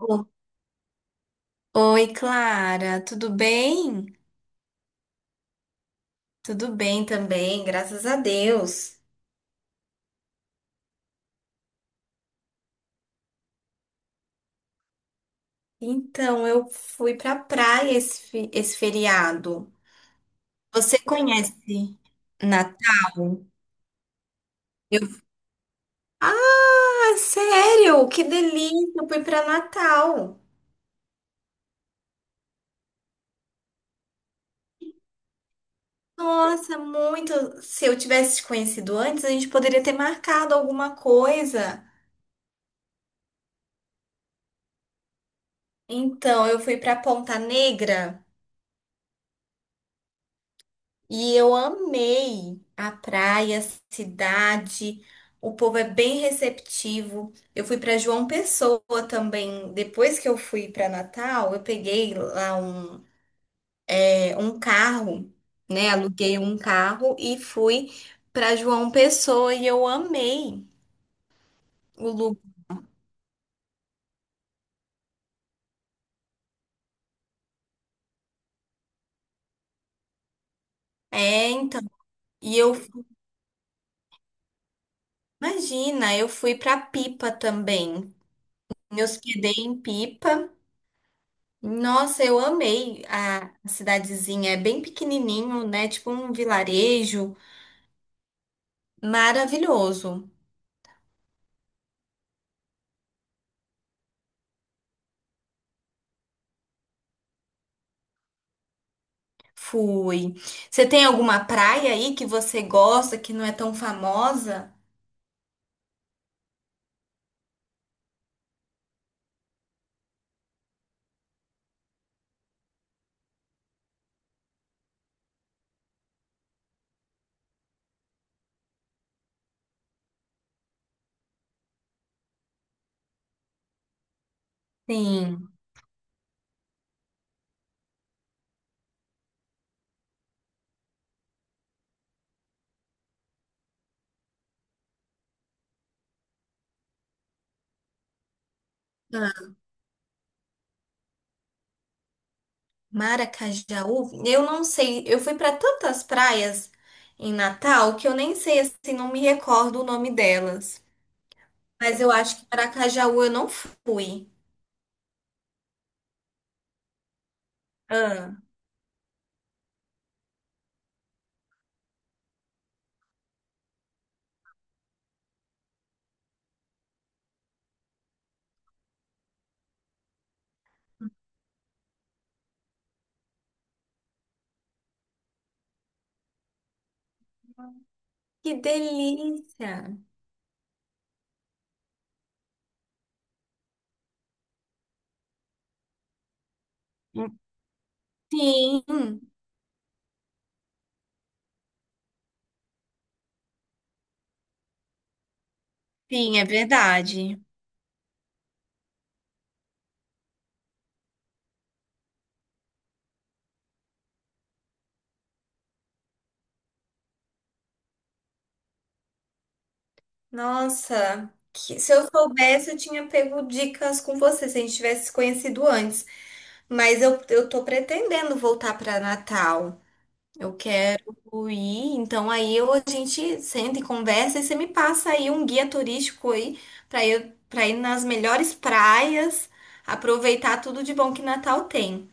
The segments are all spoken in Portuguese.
O- Oi, Clara, tudo bem? Tudo bem também, graças a Deus. Então, eu fui pra praia esse feriado. Você conhece Natal? Eu... Ah, sério? Que delícia! Eu fui pra Natal. Nossa, muito. Se eu tivesse te conhecido antes, a gente poderia ter marcado alguma coisa. Então, eu fui pra Ponta Negra. E eu amei a praia, a cidade. O povo é bem receptivo. Eu fui para João Pessoa também. Depois que eu fui para Natal, eu peguei lá um carro, né? Aluguei um carro e fui para João Pessoa e eu amei o lugar. É, então. E eu, imagina, eu fui para Pipa também. Me hospedei em Pipa. Nossa, eu amei a cidadezinha. É bem pequenininho, né? Tipo um vilarejo. Maravilhoso. Fui. Você tem alguma praia aí que você gosta, que não é tão famosa? Sim. Ah, Maracajaú? Eu não sei. Eu fui para tantas praias em Natal que eu nem sei, assim, não me recordo o nome delas. Mas eu acho que Maracajaú eu não fui. Ah, que delícia! Sim. Sim, é verdade. Nossa, que- se eu soubesse, eu tinha pego dicas com você, se a gente tivesse se conhecido antes. Mas eu tô pretendendo voltar para Natal. Eu quero ir, então aí a gente senta e conversa e você me passa aí um guia turístico aí para ir nas melhores praias, aproveitar tudo de bom que Natal tem.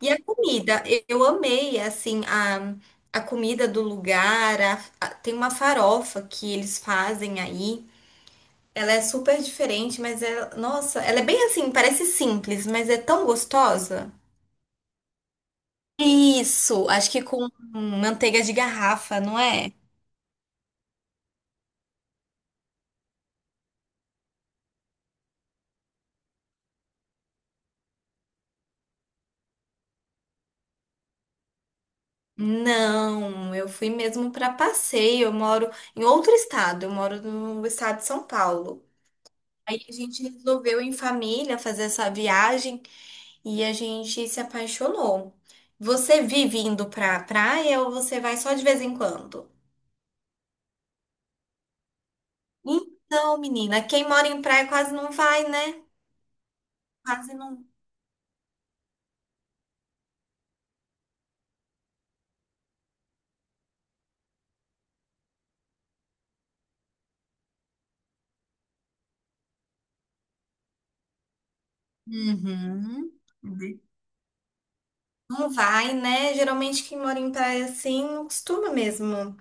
E a comida, eu amei, assim, a comida do lugar, tem uma farofa que eles fazem aí, ela é super diferente, mas nossa, ela é bem assim, parece simples, mas é tão gostosa. Isso, acho que com manteiga de garrafa, não é? Não, eu fui mesmo para passeio, eu moro em outro estado, eu moro no estado de São Paulo. Aí a gente resolveu em família fazer essa viagem. E a gente se apaixonou. Você vive indo pra praia ou você vai só de vez em quando? Então, menina, quem mora em praia quase não vai, né? Quase não, Uhum. Não vai, né? Geralmente quem mora em praia assim não costuma mesmo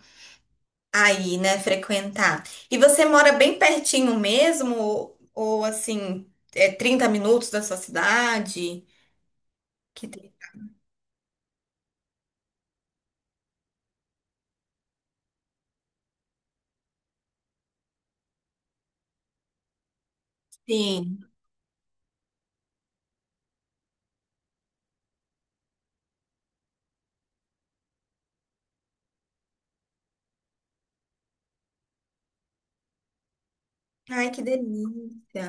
aí, né, frequentar. E você mora bem pertinho mesmo? Ou, assim, é 30 minutos da sua cidade? Que delícia. Sim. Ai, que delícia.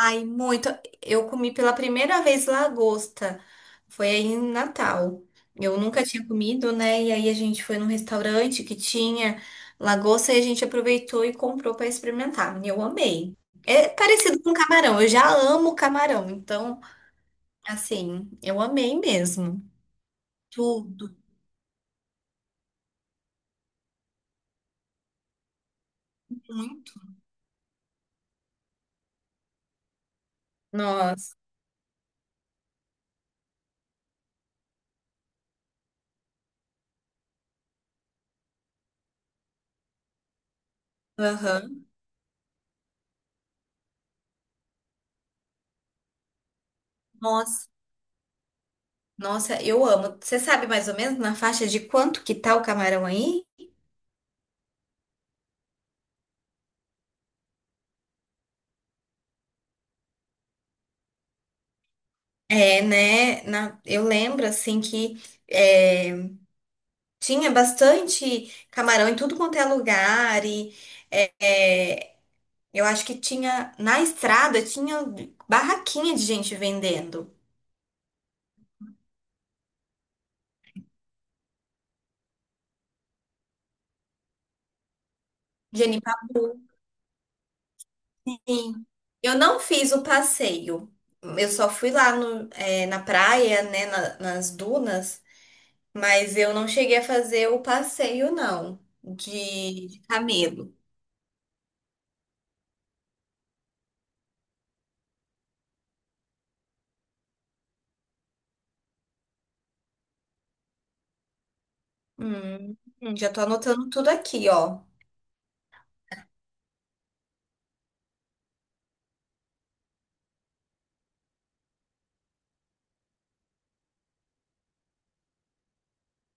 Ai, muito. Eu comi pela primeira vez lagosta. Foi aí em Natal. Eu nunca tinha comido, né? E aí a gente foi num restaurante que tinha lagosta e a gente aproveitou e comprou para experimentar. Eu amei. É parecido com camarão. Eu já amo camarão. Então, assim, eu amei mesmo. Tudo, muito. Nossa. Aham. Nossa. Nossa, eu amo. Você sabe mais ou menos na faixa de quanto que tá o camarão aí? É, né? Eu lembro, assim, que é, tinha bastante camarão em tudo quanto é lugar. E é, eu acho que tinha, na estrada, tinha barraquinha de gente vendendo. Genipabu. Sim. Eu não fiz o passeio. Eu só fui lá no, é, na praia, né, nas dunas. Mas eu não cheguei a fazer o passeio, não, de camelo. Hum, já tô anotando tudo aqui, ó.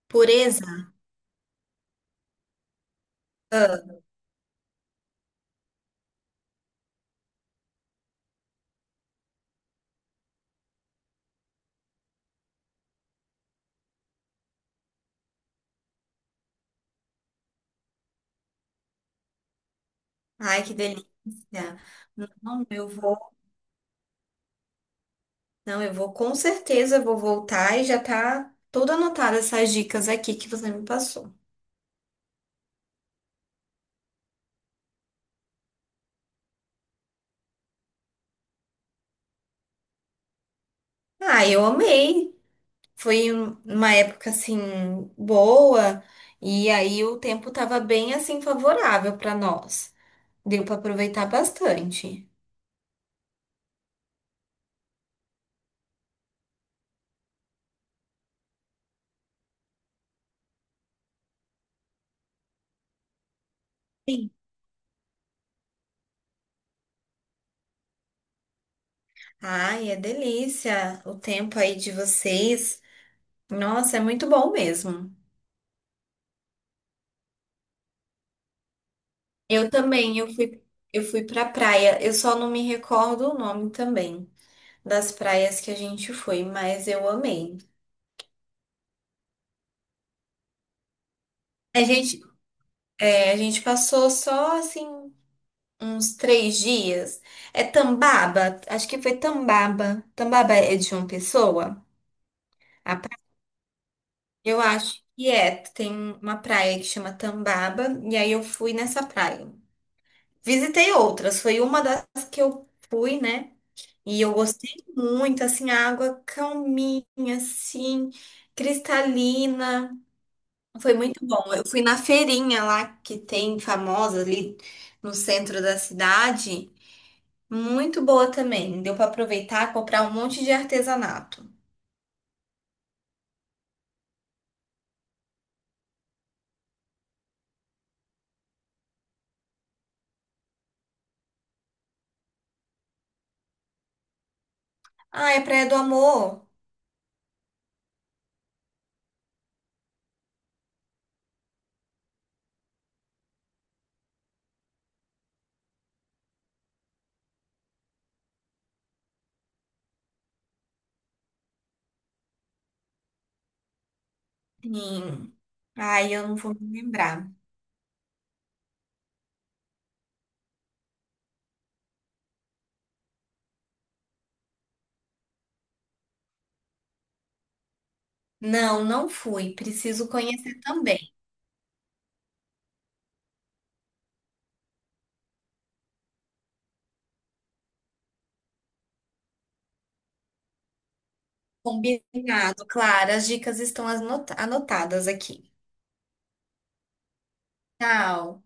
Pureza. Ah, ai, que delícia. Não, eu vou, não, eu vou com certeza vou voltar e já tá tudo anotado essas dicas aqui que você me passou. Ah, eu amei. Foi uma época assim boa e aí o tempo tava bem assim favorável para nós. Deu para aproveitar bastante. Sim. Ai, é delícia o tempo aí de vocês. Nossa, é muito bom mesmo. Eu também, eu fui pra praia. Eu só não me recordo o nome também das praias que a gente foi, mas eu amei. A gente, a gente passou só assim uns 3 dias. É Tambaba, acho que foi Tambaba. Tambaba é de uma pessoa? A pra- Eu acho que é. Tem uma praia que chama Tambaba, e aí eu fui nessa praia. Visitei outras, foi uma das que eu fui, né? E eu gostei muito, assim, a água calminha, assim, cristalina. Foi muito bom. Eu fui na feirinha lá que tem famosa ali no centro da cidade. Muito boa também. Deu para aproveitar, comprar um monte de artesanato. Ah, é Praia do Amor? Sim. Ai, eu não vou me lembrar. Não, não fui. Preciso conhecer também. Combinado, claro. As dicas estão anotadas aqui. Tchau.